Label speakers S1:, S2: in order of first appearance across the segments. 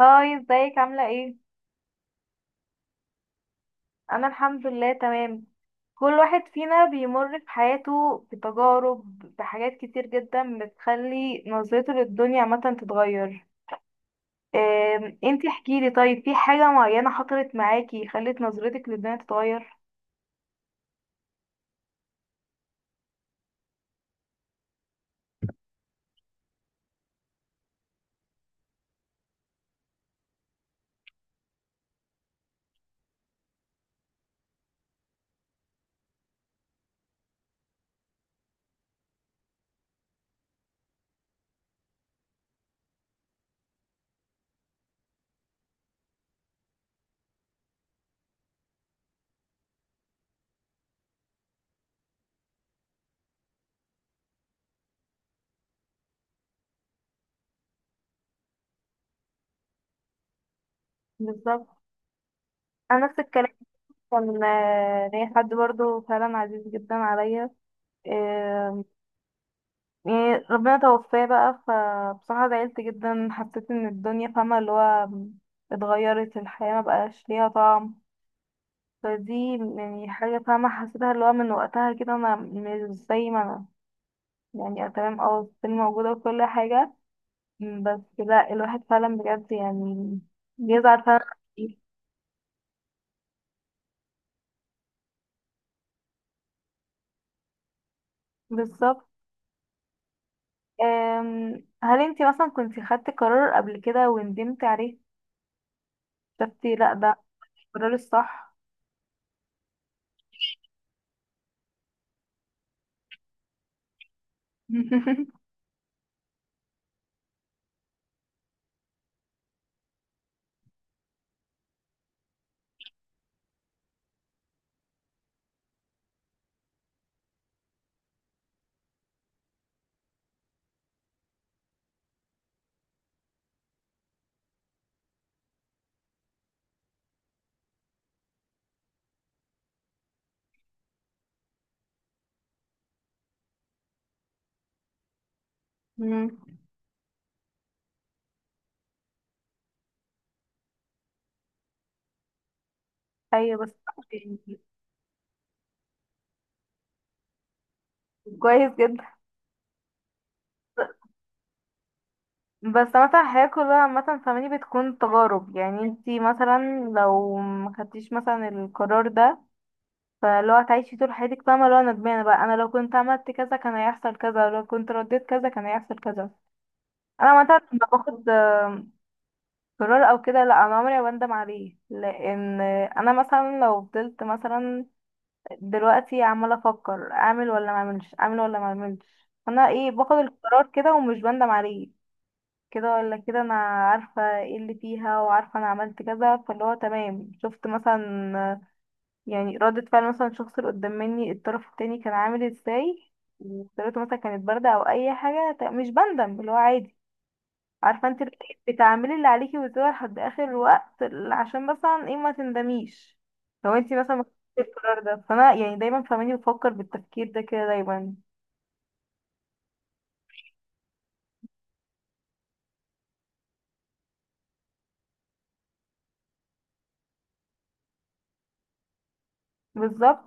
S1: هاي، ازيك؟ عاملة ايه؟ انا الحمد لله تمام. كل واحد فينا بيمر في حياته بتجارب، بحاجات كتير جدا بتخلي نظرته للدنيا عامة تتغير. انتي احكيلي، طيب في حاجة معينة حصلت معاكي خلت نظرتك للدنيا تتغير؟ بالظبط، انا نفس الكلام. كان ليا حد برضه فعلا عزيز جدا عليا. آه، يعني ربنا توفاه بقى، فبصراحة زعلت جدا، حسيت ان الدنيا فاهمة اللي هو اتغيرت الحياة، ما بقاش ليها طعم. فدي يعني حاجة، فاهمة حسيتها، اللي هو من وقتها كده انا مش زي ما انا يعني أه تمام، اه السن موجودة وكل حاجة، بس لا الواحد فعلا بجد يعني بيزعل فعلا. بالظبط. هل انتي مثلا كنتي خدتي قرار قبل كده وندمتي عليه؟ شفتي لا ده القرار الصح؟ مم. ايوه بس يعني كويس جدا. بس مثلا الحياة كلها عامة، فاهماني، بتكون تجارب. يعني انتي مثلا لو ما خدتيش مثلا القرار ده، فلو هتعيشي طول حياتك فاهمة لو انا ندمانة بقى، انا لو كنت عملت كذا كان هيحصل كذا، لو كنت رديت كذا كان هيحصل كذا. انا مثلا لما باخد قرار او كده لا، انا عمري ما بندم عليه، لان انا مثلا لو فضلت مثلا دلوقتي عمالة افكر اعمل ولا ما اعملش، اعمل ولا ما اعملش، انا ايه؟ باخد القرار كده ومش بندم عليه. كده ولا كده انا عارفة ايه اللي فيها، وعارفة انا عملت كذا، فاللي هو تمام. شفت مثلا يعني ردة فعل مثلا الشخص اللي قدام مني الطرف التاني كان عامل ازاي، وطريقته مثلا كانت باردة او اي حاجة، مش بندم، اللي هو عادي. عارفة انت بتعملي اللي عليكي، وتدور لحد اخر الوقت، عشان مثلا ايه ما تندميش لو انت مثلا ما خدتيش القرار ده. فانا يعني دايما، فاهماني، بفكر بالتفكير ده كده دايما. بالظبط.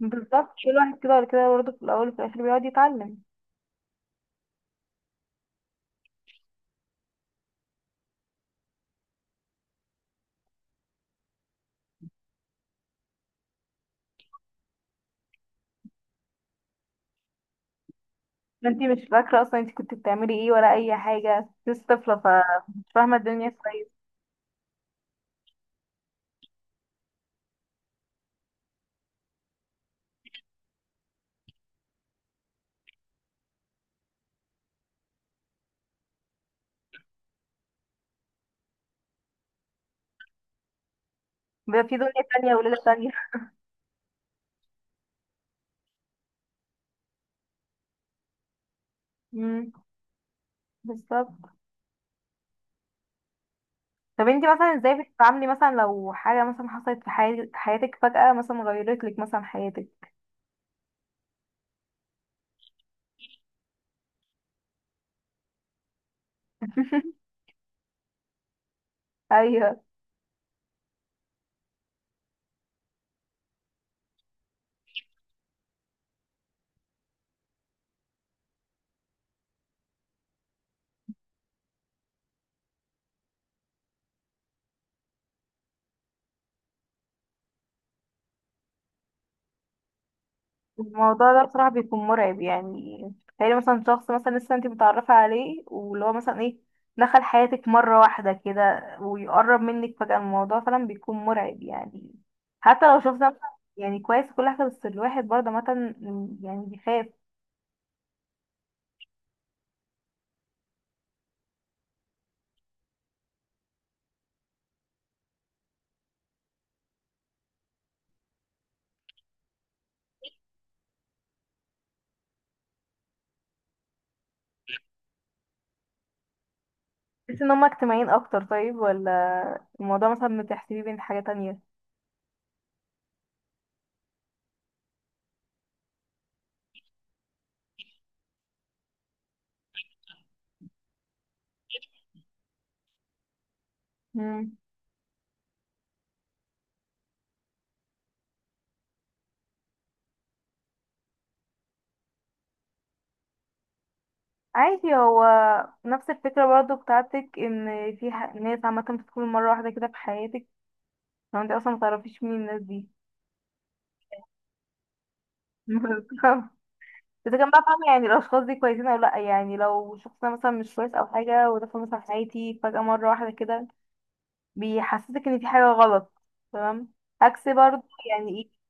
S1: بالظبط، كل واحد كده ولا كده برضه في الاول وفي الاخر بيقعد يتعلم. ما انتي مش فاكرة اصلا انتي كنت بتعملي ايه ولا اي حاجة، لسه طفلة فمش فاهمة الدنيا كويس. بيبقى في دنيا تانية وليلة تانية. امم، بالظبط. طب انتي مثلا ازاي بتتعاملي مثلا لو حاجة مثلا حصلت في حياتك فجأة مثلا غيرت لك مثلا حياتك؟ ايوه. الموضوع ده بصراحة بيكون مرعب يعني. تخيلي مثلا شخص مثلا لسه انت متعرفة عليه، واللي هو مثلا ايه دخل حياتك مرة واحدة كده ويقرب منك فجأة، الموضوع فعلا بيكون مرعب يعني. حتى لو شخص ده مثلا يعني كويس كل حاجة، بس الواحد برضه مثلا يعني بيخاف. تحس ان هما اجتماعيين اكتر طيب، ولا الموضوع مثلا بتحسبيه بين حاجة تانية؟ مم. عادي هو نفس الفكرة برضه بتاعتك، ان في ناس عامة بتكون مرة واحدة كده في حياتك، لو انت اصلا متعرفيش مين الناس دي. اذا كان بقى فاهمة يعني الاشخاص دي كويسين او لا، يعني لو شخص ده مثلا مش كويس او حاجة، ودخل مثلا حياتي فجأة مرة واحدة كده، بيحسسك ان في حاجة غلط. تمام، عكس برضه يعني ايه.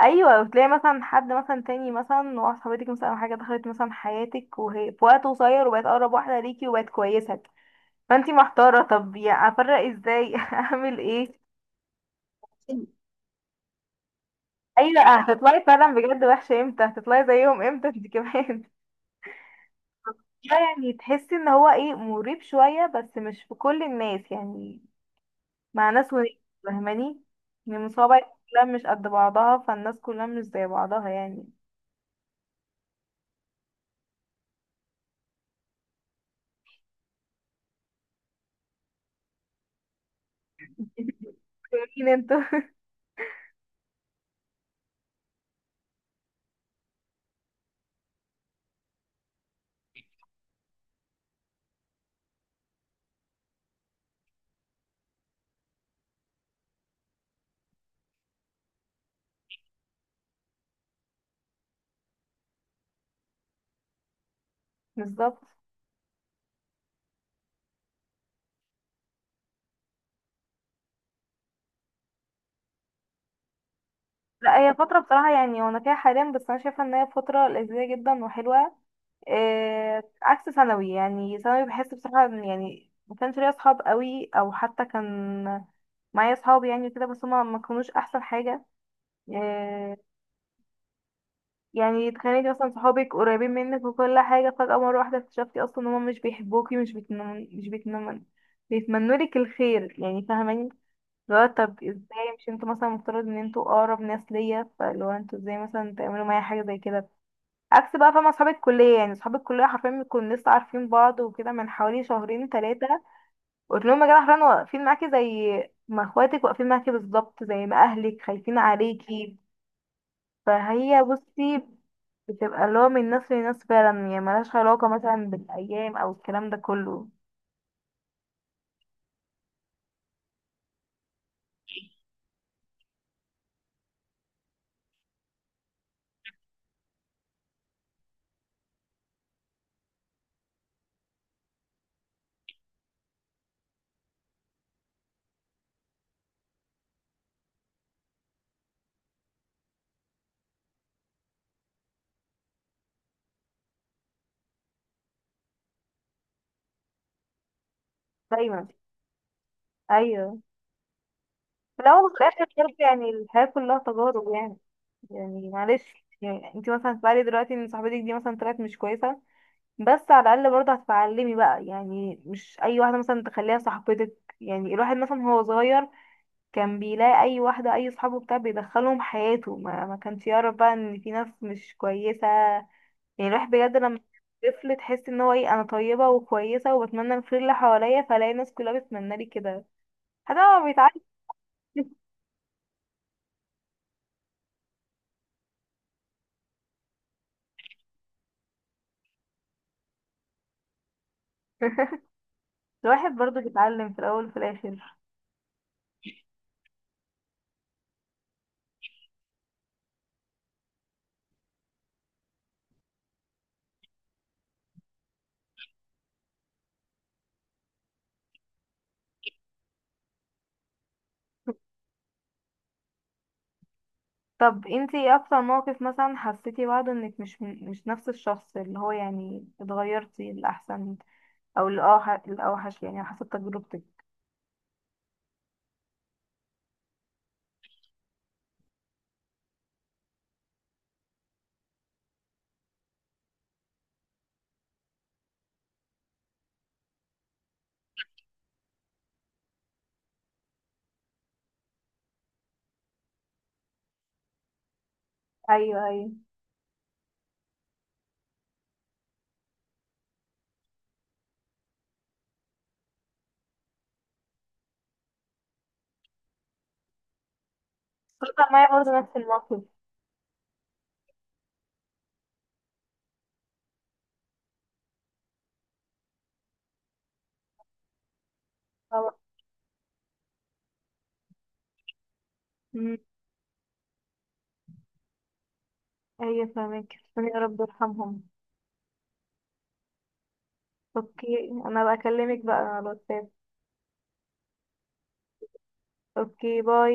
S1: ايوه، وتلاقي مثلا حد مثلا تاني مثلا واحدة صاحبتك مثلا او حاجة دخلت مثلا حياتك، وهي في وقت قصير وبقت اقرب واحدة ليكي وبقت كويسة، فانتي محتارة طب يعني افرق ازاي؟ اعمل ايه؟ ايوه هتطلعي فعلا بجد وحشة امتى، هتطلعي زيهم امتى انت كمان. اه يعني تحس ان هو ايه مريب شوية، بس مش في كل الناس يعني، مع ناس وناس. فاهماني ان المصابة كلها مش قد بعضها، فالناس كلها مش زي بعضها يعني. انتوا مين انتوا؟ بالظبط. لا هي فترة بصراحة يعني وانا فيها حاليا، بس انا شايفة ان هي فترة لذيذة جدا وحلوة. إيه عكس ثانوي، يعني ثانوي بحس بصراحة إن يعني ما كانش ليا اصحاب قوي، او حتى كان معايا اصحاب يعني كده بس هما ما كانوش احسن حاجة. آه، يعني اتخانقتي اصلا، صحابك قريبين منك وكل حاجه فجاه مره واحده اكتشفتي اصلا ان هم مش بيحبوكي، مش بيتمنوا، مش بيتمنوا لك الخير يعني، فاهماني اللي هو طب ازاي؟ مش انتوا مثلا مفترض ان انتوا اقرب ناس ليا؟ فاللي هو انتوا ازاي مثلا تعملوا معايا حاجه زي كده؟ عكس بقى، فاهمه، اصحاب الكليه، يعني اصحاب الكليه حرفيا بنكون لسه عارفين بعض وكده من حوالي شهرين ثلاثه، قلت لهم يا جدع حرفيا واقفين معاكي زي ما اخواتك واقفين معاكي بالظبط، زي ما اهلك خايفين عليكي. فهي بصي بتبقى اللي هو من ناس لناس فعلا يعني، ملهاش علاقة مثلا بالأيام أو الكلام ده كله دايما. أيوه، في الأول وفي الآخر برضه يعني الحياة كلها تجارب يعني. يعني معلش يعني انتي مثلا هتتعلي دلوقتي ان صاحبتك دي مثلا طلعت مش كويسة، بس على الأقل برضه هتتعلمي بقى يعني مش أي واحدة مثلا تخليها صاحبتك. يعني الواحد مثلا هو صغير كان بيلاقي أي واحدة أي صحابه بتاع بيدخلهم حياته، ما كانش يعرف بقى ان في ناس مش كويسة. يعني الواحد بجد لما طفل تحس ان هو ايه انا طيبة وكويسة وبتمنى الخير اللي حواليا، فلاقي الناس كلها بتتمنى لي كده. حتى هو بيتعلم. الواحد برضه بيتعلم في الاول وفي الاخر. طب انتي ايه اكتر موقف مثلا حسيتي بعده انك مش مش نفس الشخص، اللي هو يعني اتغيرتي للاحسن او الاوحش؟ الاوحش يعني، على حسب تجربتك. ايوه، ايوه، حصل معايا برضه نفس الموقف. أو- مم، ايوه فاهمك، ربنا، يا رب يرحمهم. اوكي، انا بكلمك بقى على الواتساب. اوكي، باي.